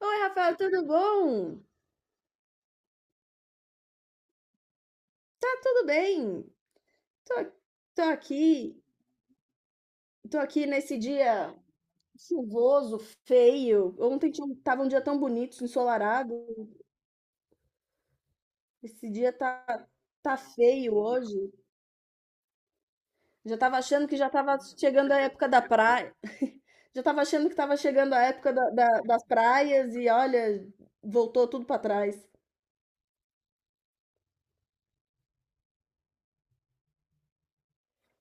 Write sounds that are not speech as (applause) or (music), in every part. Oi, Rafael, tudo bom? Tá tudo bem? Tô, tô aqui, tô aqui nesse dia chuvoso, feio. Ontem tinha, tava um dia tão bonito, ensolarado. Esse dia tá feio hoje. Já tava achando que já tava chegando a época da praia. (laughs) Já tava achando que tava chegando a época das praias e olha, voltou tudo pra trás.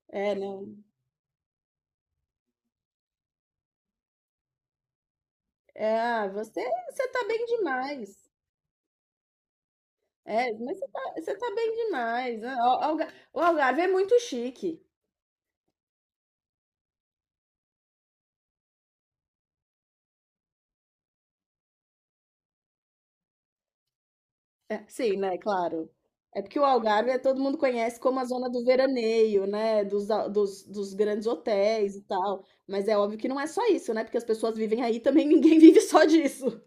É, não. É, ah, você, você tá bem demais. É, mas você tá bem demais, né, o Algarve é muito chique. É, sim, né, claro. É porque o Algarve, todo mundo conhece como a zona do veraneio, né, dos a dos dos grandes hotéis e tal, mas é óbvio que não é só isso, né, porque as pessoas vivem aí também ninguém (laughs) vive só disso.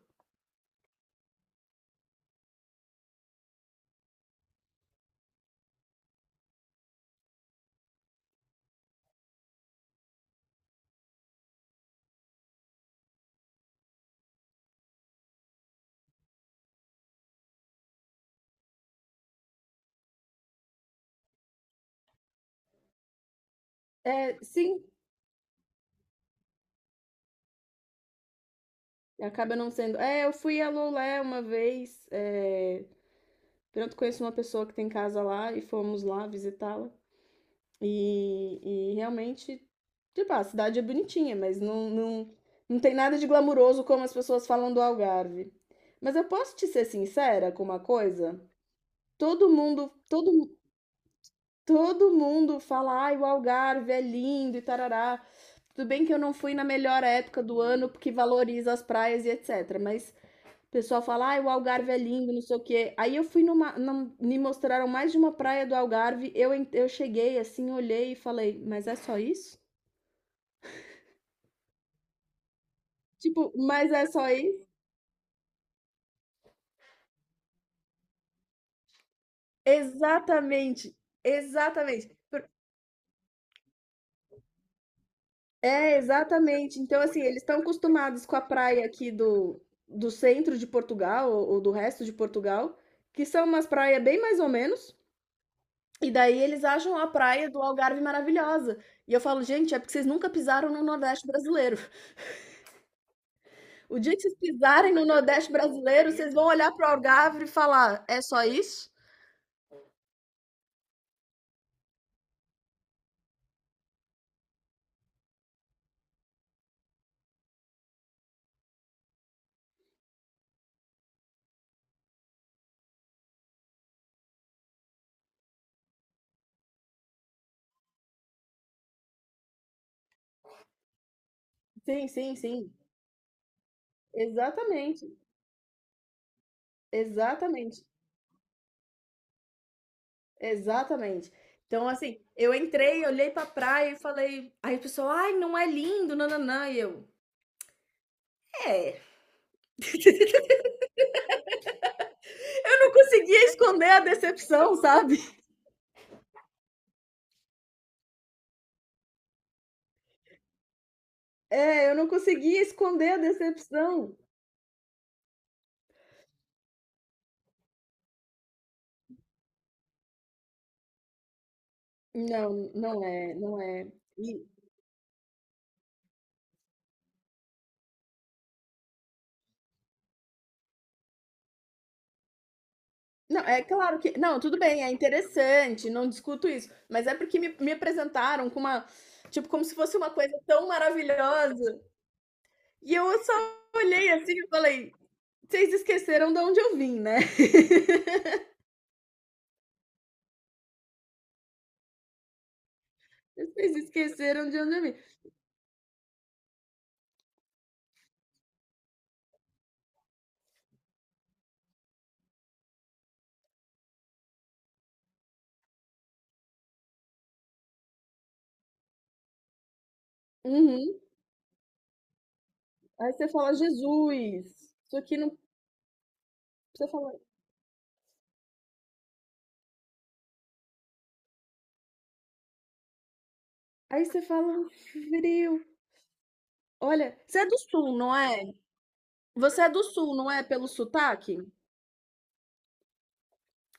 É, sim, acaba não sendo. É, eu fui a Lolé uma vez, pronto, conheço uma pessoa que tem casa lá e fomos lá visitá-la. E realmente, tipo, a cidade é bonitinha, mas não tem nada de glamuroso como as pessoas falam do Algarve. Mas eu posso te ser sincera com uma coisa? Todo mundo, todo, todo mundo fala, ai, o Algarve é lindo e tarará. Tudo bem que eu não fui na melhor época do ano, porque valoriza as praias e etc. Mas o pessoal fala, ai, o Algarve é lindo, não sei o quê. Aí eu fui me mostraram mais de uma praia do Algarve. Eu cheguei assim, olhei e falei, mas é só isso? Tipo, mas é só isso? Exatamente, exatamente. É, exatamente. Então, assim, eles estão acostumados com a praia aqui do centro de Portugal, ou do resto de Portugal, que são umas praias bem mais ou menos. E daí eles acham a praia do Algarve maravilhosa. E eu falo, gente, é porque vocês nunca pisaram no Nordeste brasileiro. (laughs) O dia que vocês pisarem no Nordeste brasileiro, vocês vão olhar para o Algarve e falar, é só isso? Sim, sim, sim. Exatamente, exatamente. Exatamente. Então, assim, eu entrei, olhei pra praia e falei. Aí o pessoal, ai, não é lindo, nananã. E eu, é. Eu não conseguia esconder a decepção, sabe? É, eu não conseguia esconder a decepção. Não, não é, não é. E- não, é claro que. Não, tudo bem, é interessante, não discuto isso. Mas é porque me apresentaram com uma. Tipo, como se fosse uma coisa tão maravilhosa. E eu só olhei assim e falei: vocês esqueceram de onde eu vim, né? (laughs) Vocês esqueceram de onde eu vim. Uhum. Aí você fala: "Jesus, isso aqui não", você fala, aí você fala: "Frio". Olha, você é do sul, não é? Você é do sul, não é, pelo sotaque?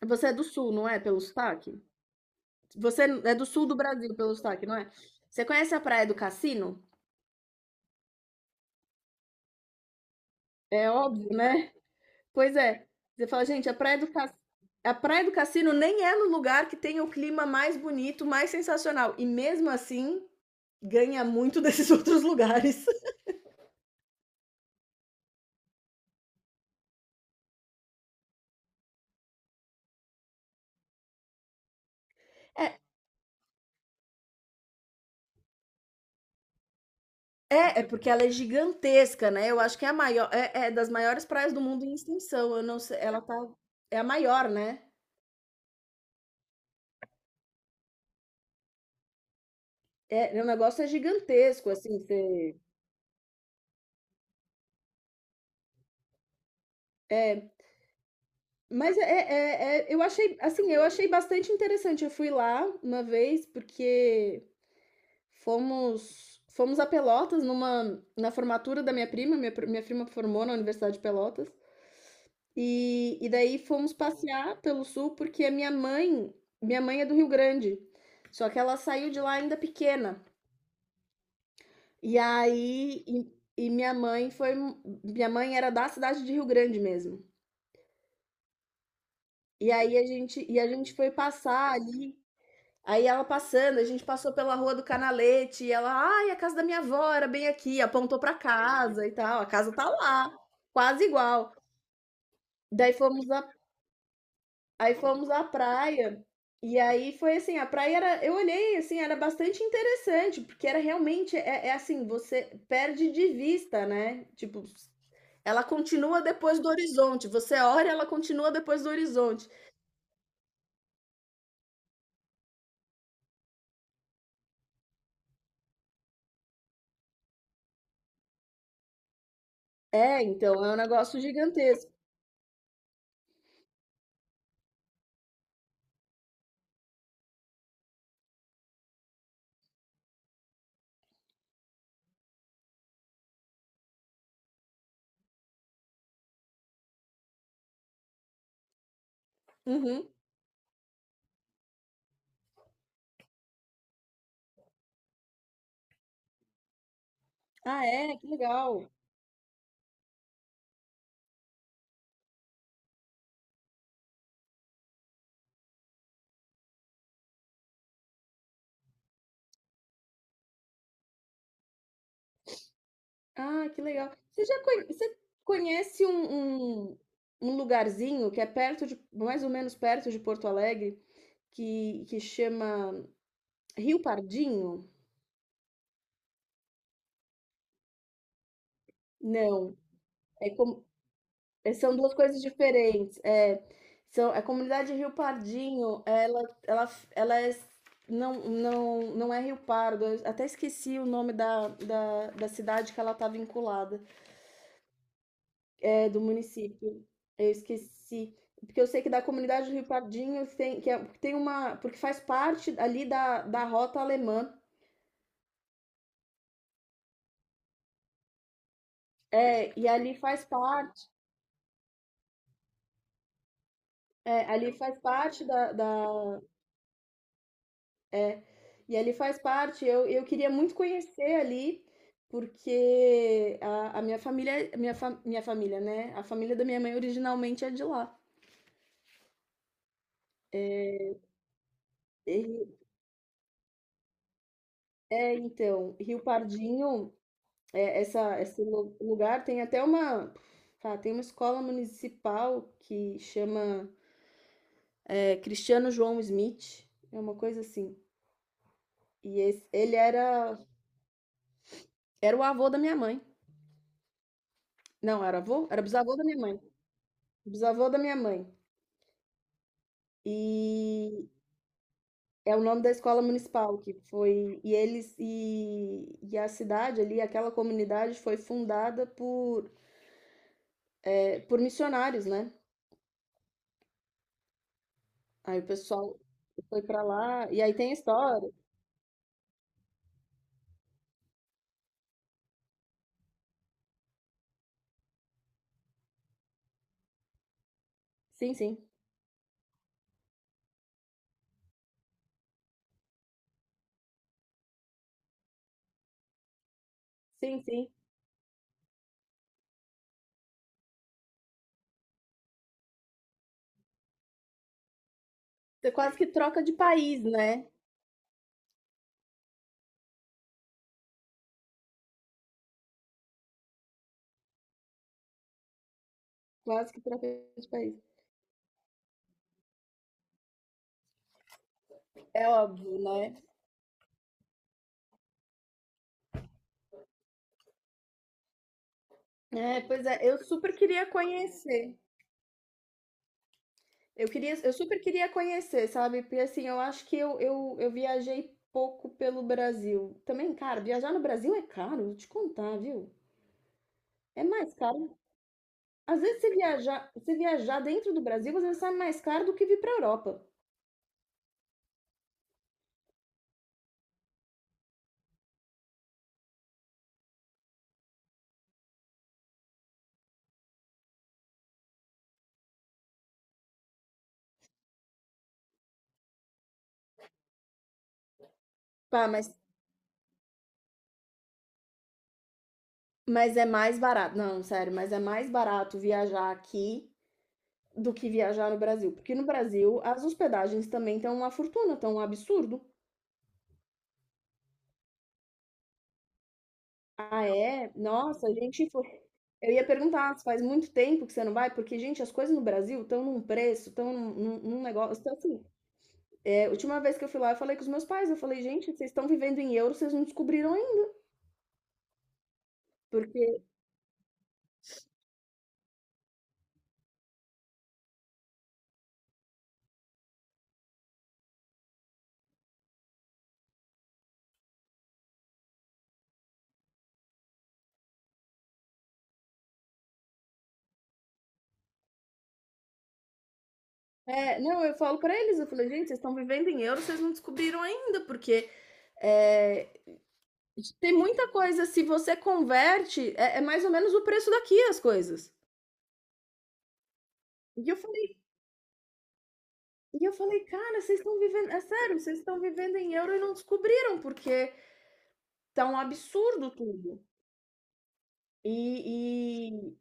Você é do sul, não é, pelo sotaque? Você é do sul do Brasil pelo sotaque, não é? Você conhece a Praia do Cassino? É óbvio, né? Pois é. Você fala: "Gente, a Praia do Cassino nem é no lugar que tem o clima mais bonito, mais sensacional, e mesmo assim ganha muito desses (laughs) outros lugares". É É, é porque ela é gigantesca, né, eu acho que é a maior, das maiores praias do mundo em extensão, eu não sei ela tá, é a maior, né. É, o negócio é gigantesco, assim, você é, mas é é é eu achei, assim, eu achei bastante interessante, eu fui lá uma vez, porque fomos a Pelotas numa na formatura da minha prima, minha prima formou na Universidade de Pelotas. E daí fomos passear pelo sul porque minha mãe é do Rio Grande, só que ela saiu de lá ainda pequena. E aí, e minha mãe foi, minha mãe era da cidade de Rio Grande mesmo. E a gente foi passar ali. Aí ela passando, a gente passou pela rua do Canalete, e ela, ai, a casa da minha avó era bem aqui, apontou pra casa e tal, a casa tá lá, quase igual. Daí fomos Aí fomos à praia. E aí foi assim, a praia era, eu olhei assim, era bastante interessante, porque era realmente, é assim, você perde de vista, né? Tipo, ela continua depois do horizonte. Você olha, ela continua depois do horizonte. É, então, é um negócio gigantesco. Uhum. Ah, é? Que legal. Ah, que legal. Você conhece um lugarzinho que é perto de, mais ou menos perto de Porto Alegre, que chama Rio Pardinho? Não, é são 2 coisas diferentes. É, são a comunidade Rio Pardinho, ela ela ela é não é Rio Pardo, eu até esqueci o nome da cidade que ela está vinculada, é do município. Eu esqueci, porque eu sei que da comunidade Rio Pardinho tem, que é, tem uma, porque faz parte ali da da Rota Alemã. É, e ali faz parte, é, ali faz parte da da é, e ele faz parte. Eu queria muito conhecer ali, porque a minha família, minha família, né? A família da minha mãe originalmente é de lá. E- é, então, Rio Pardinho, é, lugar tem até uma, tá, tem uma escola municipal que chama, é, Cristiano João Smith, é uma coisa assim. E esse- ele era, era o avô da minha mãe. Não, era avô? Era bisavô da minha mãe. Bisavô da minha mãe. E É o nome da escola municipal que foi, e eles, e a cidade ali, aquela comunidade foi fundada por, é, por missionários, né? Aí o pessoal foi pra lá e aí tem a história. Sim, sim. Sim, sim. Você quase que troca de país, né? Quase que troca de país. É óbvio, né? É, pois é, eu super queria conhecer. Eu queria, eu super queria conhecer, sabe? Porque assim, eu acho que eu viajei pouco pelo Brasil. Também, cara, viajar no Brasil é caro, vou te contar, viu? É mais caro. Às vezes, se viajar dentro do Brasil, às vezes sai mais caro do que vir pra Europa. Pá, mas, mas é mais barato. Não, sério, mas é mais barato viajar aqui do que viajar no Brasil. Porque no Brasil, as hospedagens também estão uma fortuna, estão um absurdo. Ah, é? Nossa, a gente foi Eu ia perguntar se faz muito tempo que você não vai, porque, gente, as coisas no Brasil estão num preço, num negócio. Então, assim, é, a última vez que eu fui lá, eu falei com os meus pais, eu falei, gente, vocês estão vivendo em euro, vocês não descobriram ainda. Porque, é, não, eu falo pra eles, eu falei, gente, vocês estão vivendo em euro, vocês não descobriram ainda, porque é, tem muita coisa, se você converte, é mais ou menos o preço daqui as coisas. E eu falei, e eu falei, cara, vocês estão vivendo, é sério, vocês estão vivendo em euro e não descobriram, porque tá um absurdo tudo. E, e-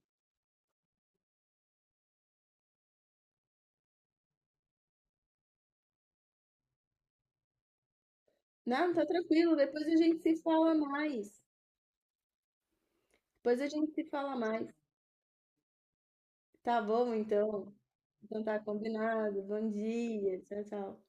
Não, tá tranquilo, depois a gente se fala mais. Depois a gente se fala mais. Tá bom, então. Então tá combinado. Bom dia. Tchau, tchau.